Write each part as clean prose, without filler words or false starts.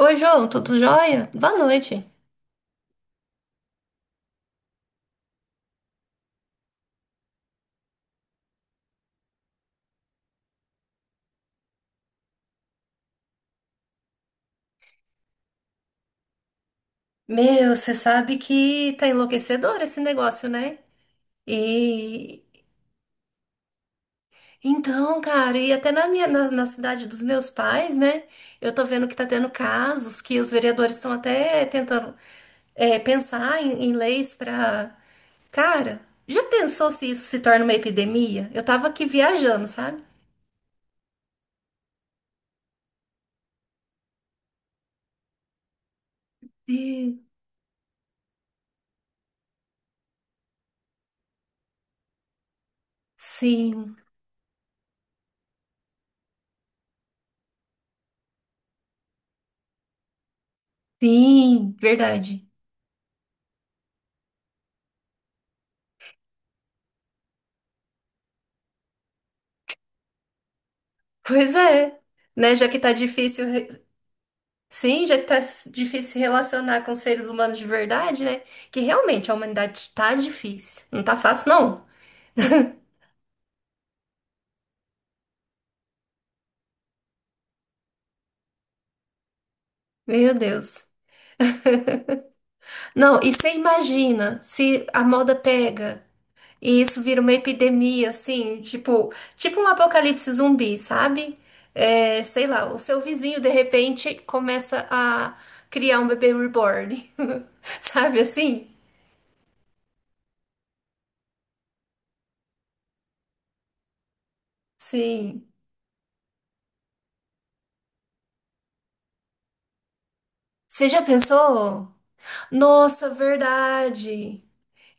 Oi, João, tudo jóia? Boa noite. Meu, você sabe que tá enlouquecedor esse negócio, né? E então, cara, e até na cidade dos meus pais, né? Eu tô vendo que tá tendo casos que os vereadores estão até tentando pensar em leis pra. Cara, já pensou se isso se torna uma epidemia? Eu tava aqui viajando, sabe? E- Sim, sim, verdade. Pois é, né? Já que tá difícil re- Sim, já que tá difícil se relacionar com seres humanos de verdade, né? Que realmente a humanidade tá difícil. Não tá fácil, não. Meu Deus. Não, e você imagina se a moda pega e isso vira uma epidemia, assim, tipo um apocalipse zumbi, sabe? É, sei lá, o seu vizinho de repente começa a criar um bebê reborn, sabe assim? Sim. Você já pensou? Nossa, verdade.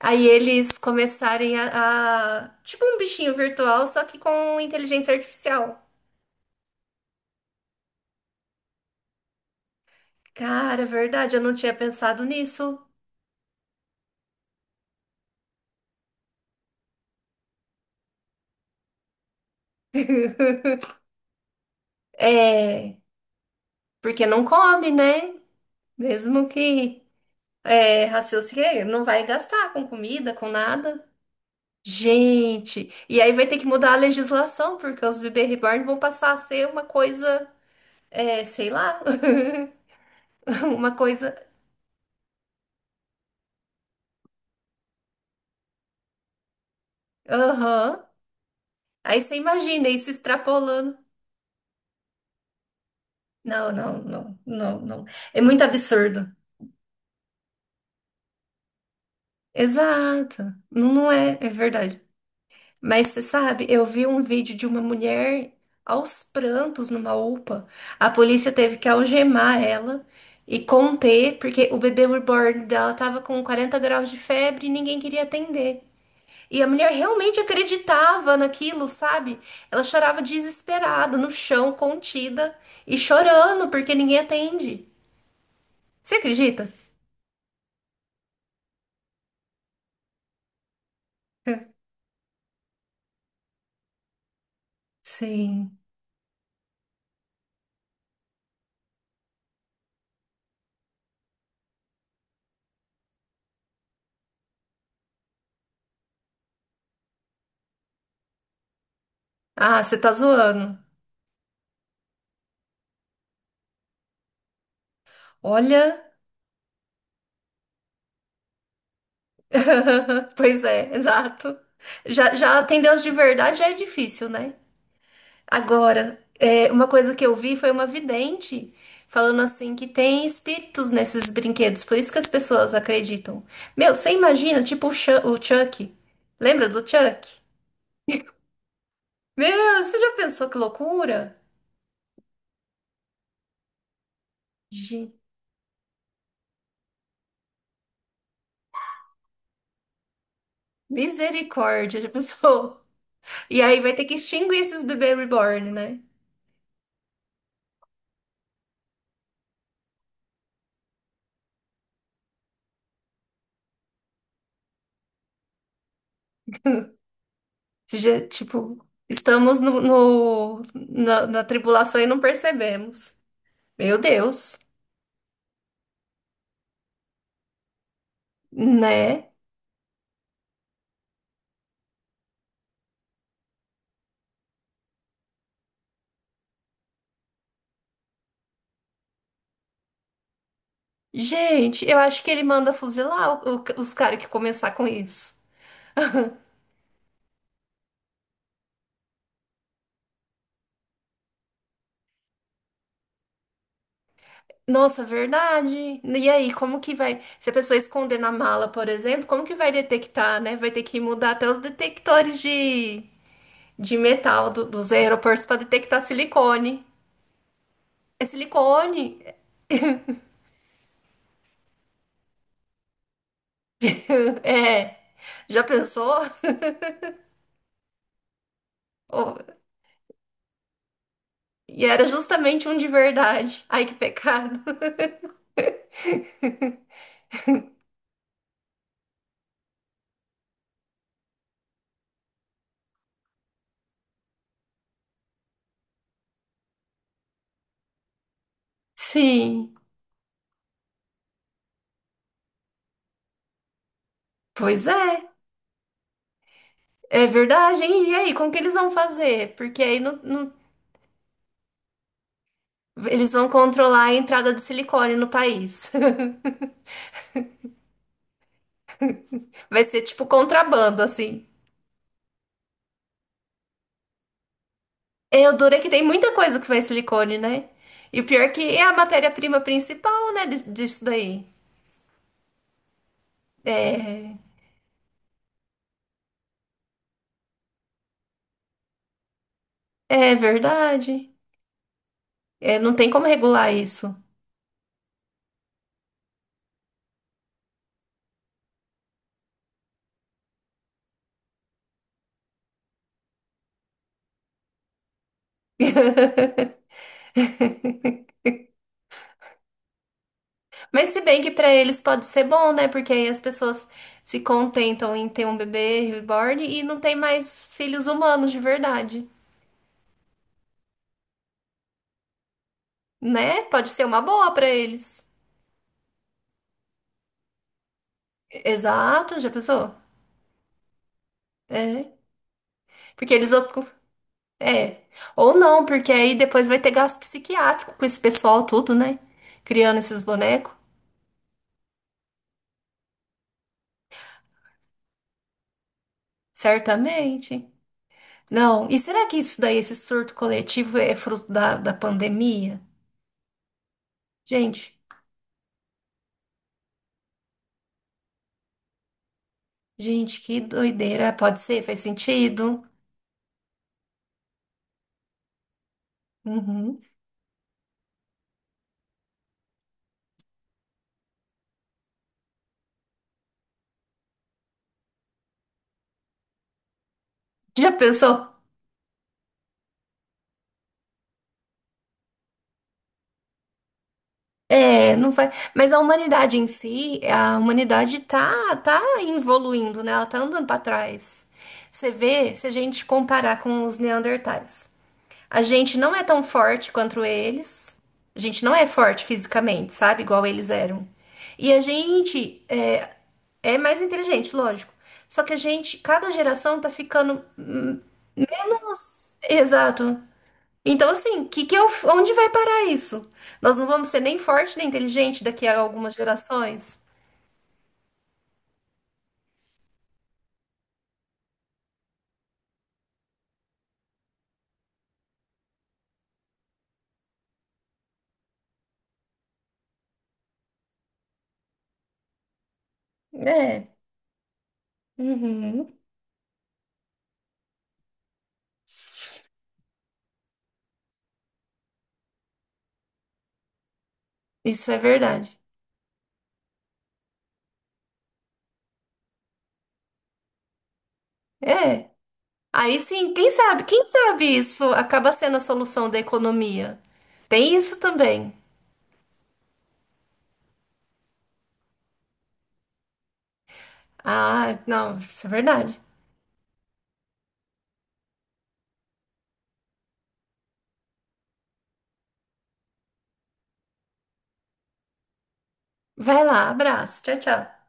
Aí eles começarem tipo um bichinho virtual, só que com inteligência artificial. Cara, é verdade, eu não tinha pensado nisso. É, porque não come, né? Mesmo que raciocine, não vai gastar com comida, com nada. Gente, e aí vai ter que mudar a legislação, porque os bebê reborn vão passar a ser uma coisa, é, sei lá, uma coisa. Aham. Aí você imagina isso extrapolando. Não, não, não, não, não. É muito absurdo. Exato. Não, não é, é verdade. Mas você sabe, eu vi um vídeo de uma mulher aos prantos numa UPA. A polícia teve que algemar ela e conter, porque o bebê reborn dela tava com 40 graus de febre e ninguém queria atender. E a mulher realmente acreditava naquilo, sabe? Ela chorava desesperada, no chão, contida e chorando porque ninguém atende. Você acredita? Sim. Ah, você tá zoando. Olha. Pois é, exato. Já atender os de verdade já é difícil, né? Agora, uma coisa que eu vi foi uma vidente falando assim que tem espíritos nesses brinquedos, por isso que as pessoas acreditam. Meu, você imagina, tipo o Chuck. Lembra do Chuck? Meu, você já pensou que loucura? Gente, misericórdia, já pensou? E aí vai ter que extinguir esses bebês reborn, né? Esse dia, tipo, estamos na tribulação e não percebemos. Meu Deus, né? Gente, eu acho que ele manda fuzilar os caras que começar com isso. Nossa, verdade. E aí, como que vai? Se a pessoa esconder na mala, por exemplo, como que vai detectar, né? Vai ter que mudar até os detectores de metal dos aeroportos para detectar silicone. É silicone? É. Já pensou? E era justamente um de verdade. Ai, que pecado. Sim, pois é. É verdade, hein? E aí, como que eles vão fazer? Porque aí eles vão controlar a entrada de silicone no país. Vai ser tipo contrabando, assim. É, o duro é que tem muita coisa que vai silicone, né? E o pior é que é a matéria-prima principal, né, disso daí. É, é verdade. É, não tem como regular isso. Mas se bem que pra eles pode ser bom, né? Porque aí as pessoas se contentam em ter um bebê reborn e não tem mais filhos humanos de verdade, né? Pode ser uma boa pra eles. Exato, já pensou? É. Porque eles ocupam. É. Ou não, porque aí depois vai ter gasto psiquiátrico com esse pessoal tudo, né? Criando esses bonecos. Certamente. Não. E será que isso daí, esse surto coletivo, é fruto da pandemia? Gente. Gente, que doideira. Pode ser, faz sentido. Uhum. Já pensou? É, não faz. Mas a humanidade em si, a humanidade tá, tá evoluindo, né? Ela tá andando pra trás. Você vê, se a gente comparar com os neandertais, a gente não é tão forte quanto eles. A gente não é forte fisicamente, sabe? Igual eles eram. E a gente é mais inteligente, lógico. Só que a gente, cada geração tá ficando. Nossa, exato. Então, assim, que eu, onde vai parar isso? Nós não vamos ser nem forte nem inteligente daqui a algumas gerações? É. Uhum. Isso é verdade. É. Aí sim, quem sabe isso acaba sendo a solução da economia. Tem isso também. Ah, não, isso é verdade. Vai lá, abraço. Tchau, tchau.